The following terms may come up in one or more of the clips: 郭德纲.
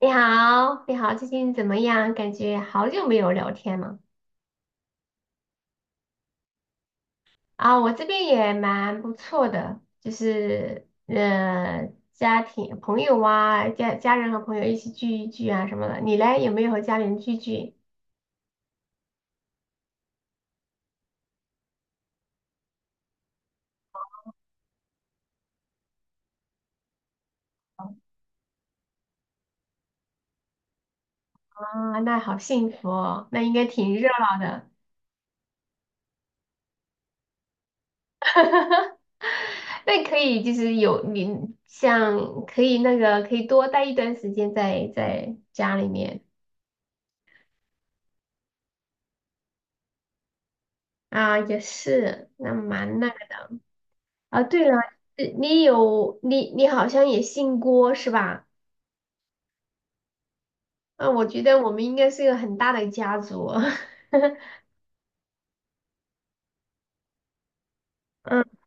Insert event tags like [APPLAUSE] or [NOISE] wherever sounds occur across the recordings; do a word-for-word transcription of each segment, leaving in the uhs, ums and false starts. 你好，你好，最近怎么样？感觉好久没有聊天了啊，我这边也蛮不错的，就是呃，家庭、朋友啊，家家人和朋友一起聚一聚啊什么的。你嘞，有没有和家里人聚聚啊？那好幸福哦，那应该挺热闹的。[LAUGHS] 那可以，就是有你像可以那个可以多待一段时间在在家里面。啊，也是，那蛮那。啊，对了，呃你有你你好像也姓郭是吧？啊，我觉得我们应该是一个很大的家族。[LAUGHS] 嗯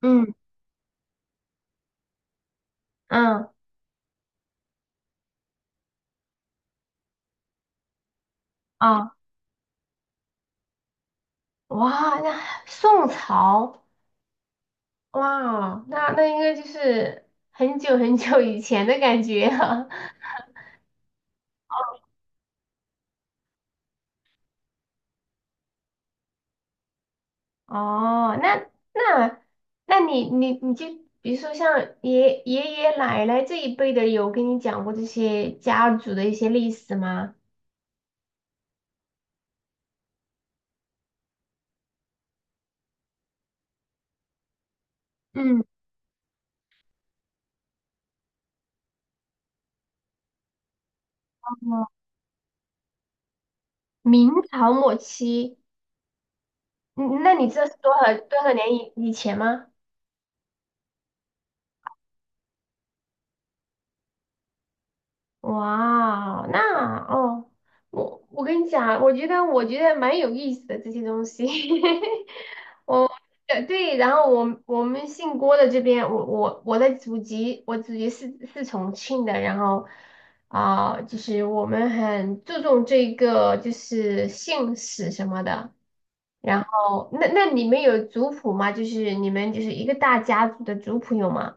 嗯嗯啊。哇，那宋朝，哇，那那应该就是很久很久以前的感觉啊。[LAUGHS] 哦，那那那你你你就比如说像爷爷爷奶奶这一辈的，有跟你讲过这些家族的一些历史吗？嗯，哦明朝末期，嗯，那你知道是多少多少年以以前吗？哇，那哦，我我跟你讲，我觉得我觉得蛮有意思的这些东西。[LAUGHS] 我呃对，然后我我们姓郭的这边，我我我的祖籍，我祖籍是是重庆的，然后啊、就是我们很注重这个就是姓氏什么的。然后，那那你们有族谱吗？就是你们就是一个大家族的族谱有吗？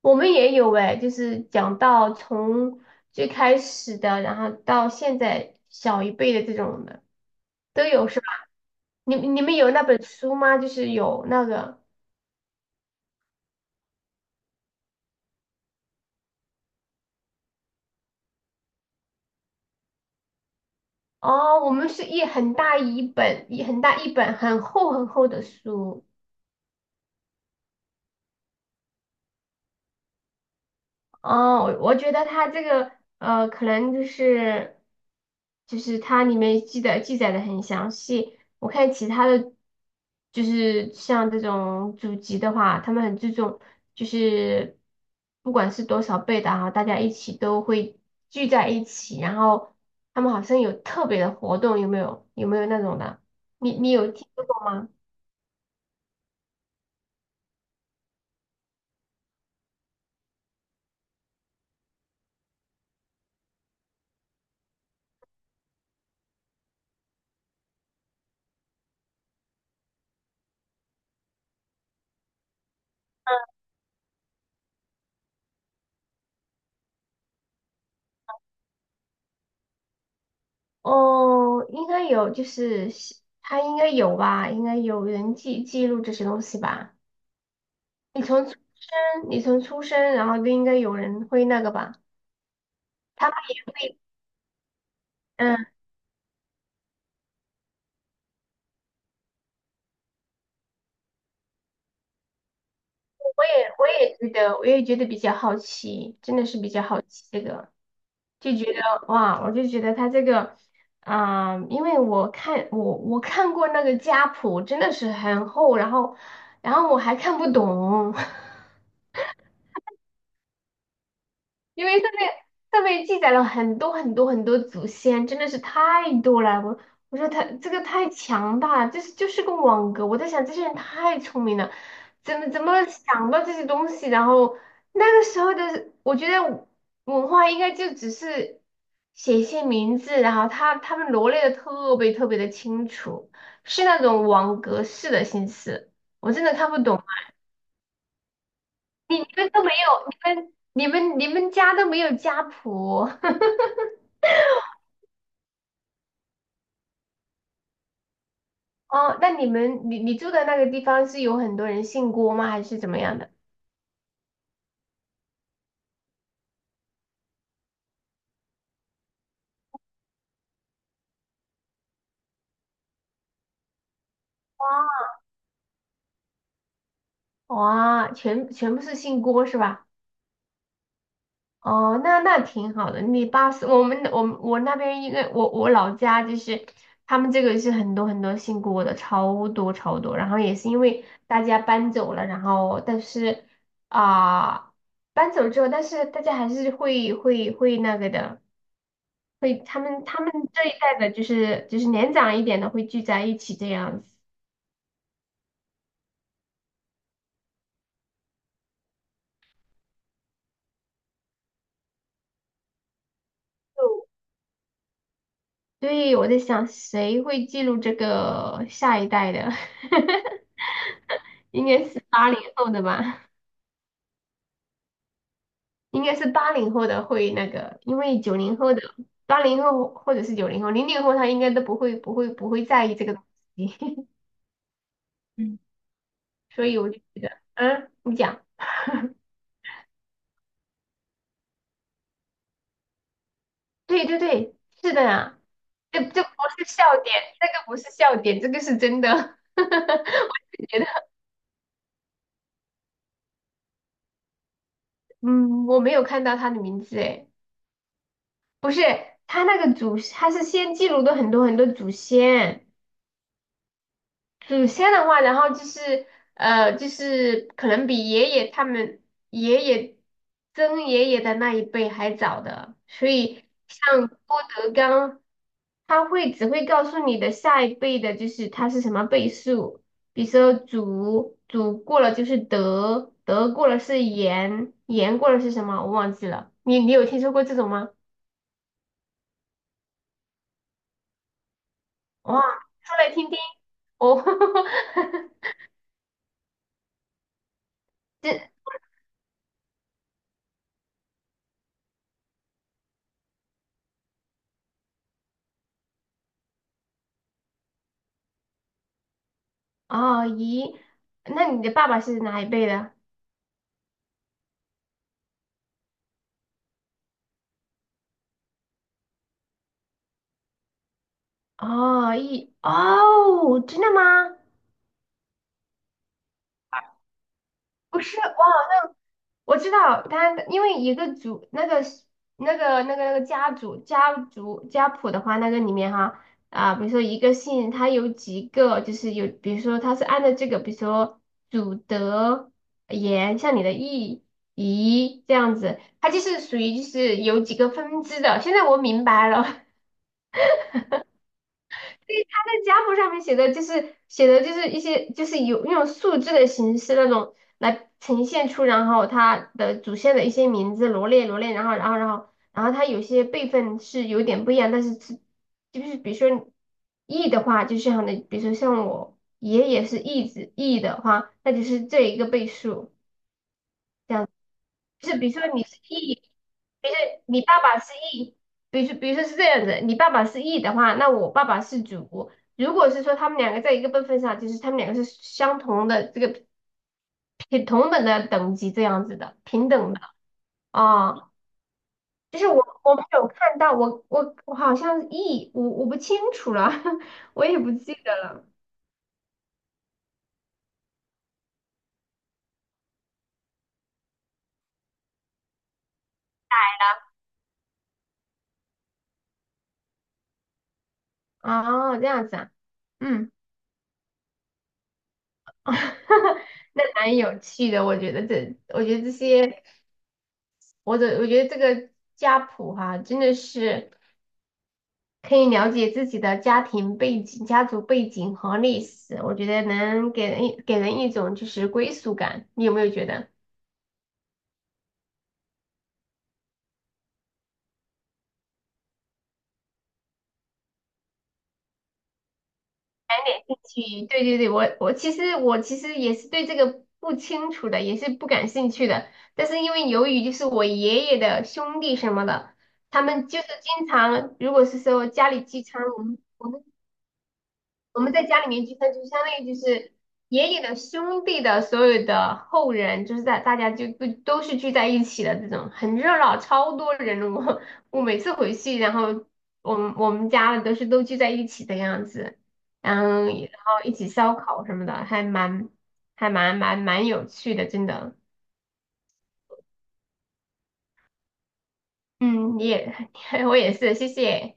我们也有哎，就是讲到从最开始的，然后到现在小一辈的这种的都有是吧？你你们有那本书吗？就是有那个哦，我们是一很大一本，一很大一本很厚很厚的书。哦，我我觉得它这个呃，可能就是就是它里面记得记载的很详细。我看其他的，就是像这种祖籍的话，他们很注重，就是不管是多少辈的哈，大家一起都会聚在一起，然后他们好像有特别的活动，有没有？有没有那种的？你你有听说过吗？哦，应该有，就是西他应该有吧，应该有人记记录这些东西吧。你从出生，你从出生，然后就应该有人会那个吧。他们也会，嗯，我也觉得，我也觉得比较好奇，真的是比较好奇这个，就觉得哇，我就觉得他这个，啊、因为我看我我看过那个家谱，真的是很厚，然后然后我还看不懂。[LAUGHS] 因为上面上面记载了很多很多很多祖先，真的是太多了。我我说他这个太强大了，这是就是个网格。我在想这些人太聪明了，怎么怎么想到这些东西？然后那个时候的，我觉得文化应该就只是写一些名字，然后他他们罗列的特别特别的清楚，是那种网格式的形式，我真的看不懂啊。你你们都没有，你们你们你们家都没有家谱。哦，那你们你你住的那个地方是有很多人姓郭吗？还是怎么样的？哇，全全部是姓郭是吧？哦，那那挺好的。你爸是我们我们我那边一个，我我老家就是他们这个是很多很多姓郭的，超多超多。然后也是因为大家搬走了，然后但是啊、搬走之后，但是大家还是会会会那个的，会他们他们这一代的就是就是年长一点的会聚在一起这样子。对，我在想谁会记录这个下一代的，[LAUGHS] 应该是八零后的吧？应该是八零后的会那个，因为九零后的、八零后或者是九零后、零零后他应该都不会、不会、不会在意这个东西，[LAUGHS] 嗯，所以我就觉得，嗯，你讲，对对对，是的呀，这这不是笑点，这个不是笑点，这个是真的。[LAUGHS] 觉得，嗯，我没有看到他的名字哎。不是，他那个祖，他是先记录的很多很多祖先，祖先的话，然后就是呃，就是可能比爷爷他们爷爷曾爷爷的那一辈还早的，所以像郭德纲，他会只会告诉你的下一辈的，就是他是什么辈数，比如说祖祖过了就是德，德过了是严，严过了是什么，我忘记了，你你有听说过这种吗？哇，说来听听。哦，[LAUGHS] 这哦咦，那你的爸爸是哪一辈的？哦，一哦，真的吗？不是，哇，我知道他，因为一个族那个那个那个那个家族家族家谱的话，那个里面哈啊，比如说一个姓，他有几个，就是有，比如说他是按照这个，比如说祖德言，像你的义仪这样子，它就是属于就是有几个分支的。现在我明白了，[LAUGHS] 在家谱上面写的就是写的就是一些就是有用数字的形式那种来呈现出，然后它的主线的一些名字罗列罗列，然后然后然后然后它有些辈分是有点不一样，但是是就是比如说 E 的话，就像的，比如说像我爷爷是 E 子 E 的话，那就是这一个倍数。这样子。就是比如说你是 E,比如说你爸爸是 E,比如说比如说是这样子，你爸爸是 E 的话，那我爸爸是主。如果是说他们两个在一个辈分上，就是他们两个是相同的这个平同等的等级这样子的，平等的啊、就是我我没有看到，我我我好像是 E,我我不清楚了，[LAUGHS] 我也不记得了。啊，这样子啊，嗯，[LAUGHS] 那蛮有趣的，我觉得这我觉得这些。我的我觉得这个家谱哈、真的是可以了解自己的家庭背景、家族背景和历史，我觉得能给人一给人一种就是归属感，你有没有觉得？去，对对对，我我其实我其实也是对这个不清楚的，也是不感兴趣的，但是因为由于就是我爷爷的兄弟什么的，他们就是经常如果是说家里聚餐。我们在家里面聚餐，就相当于就是爷爷的兄弟的所有的后人，就是在大家就都都是聚在一起的这种，很热闹，超多人。我我每次回去，然后我们我们家都是都聚在一起的样子，然后然后一起烧烤什么的，还蛮还蛮蛮蛮有趣的，真的。嗯，你也 [LAUGHS] 我也是，谢谢。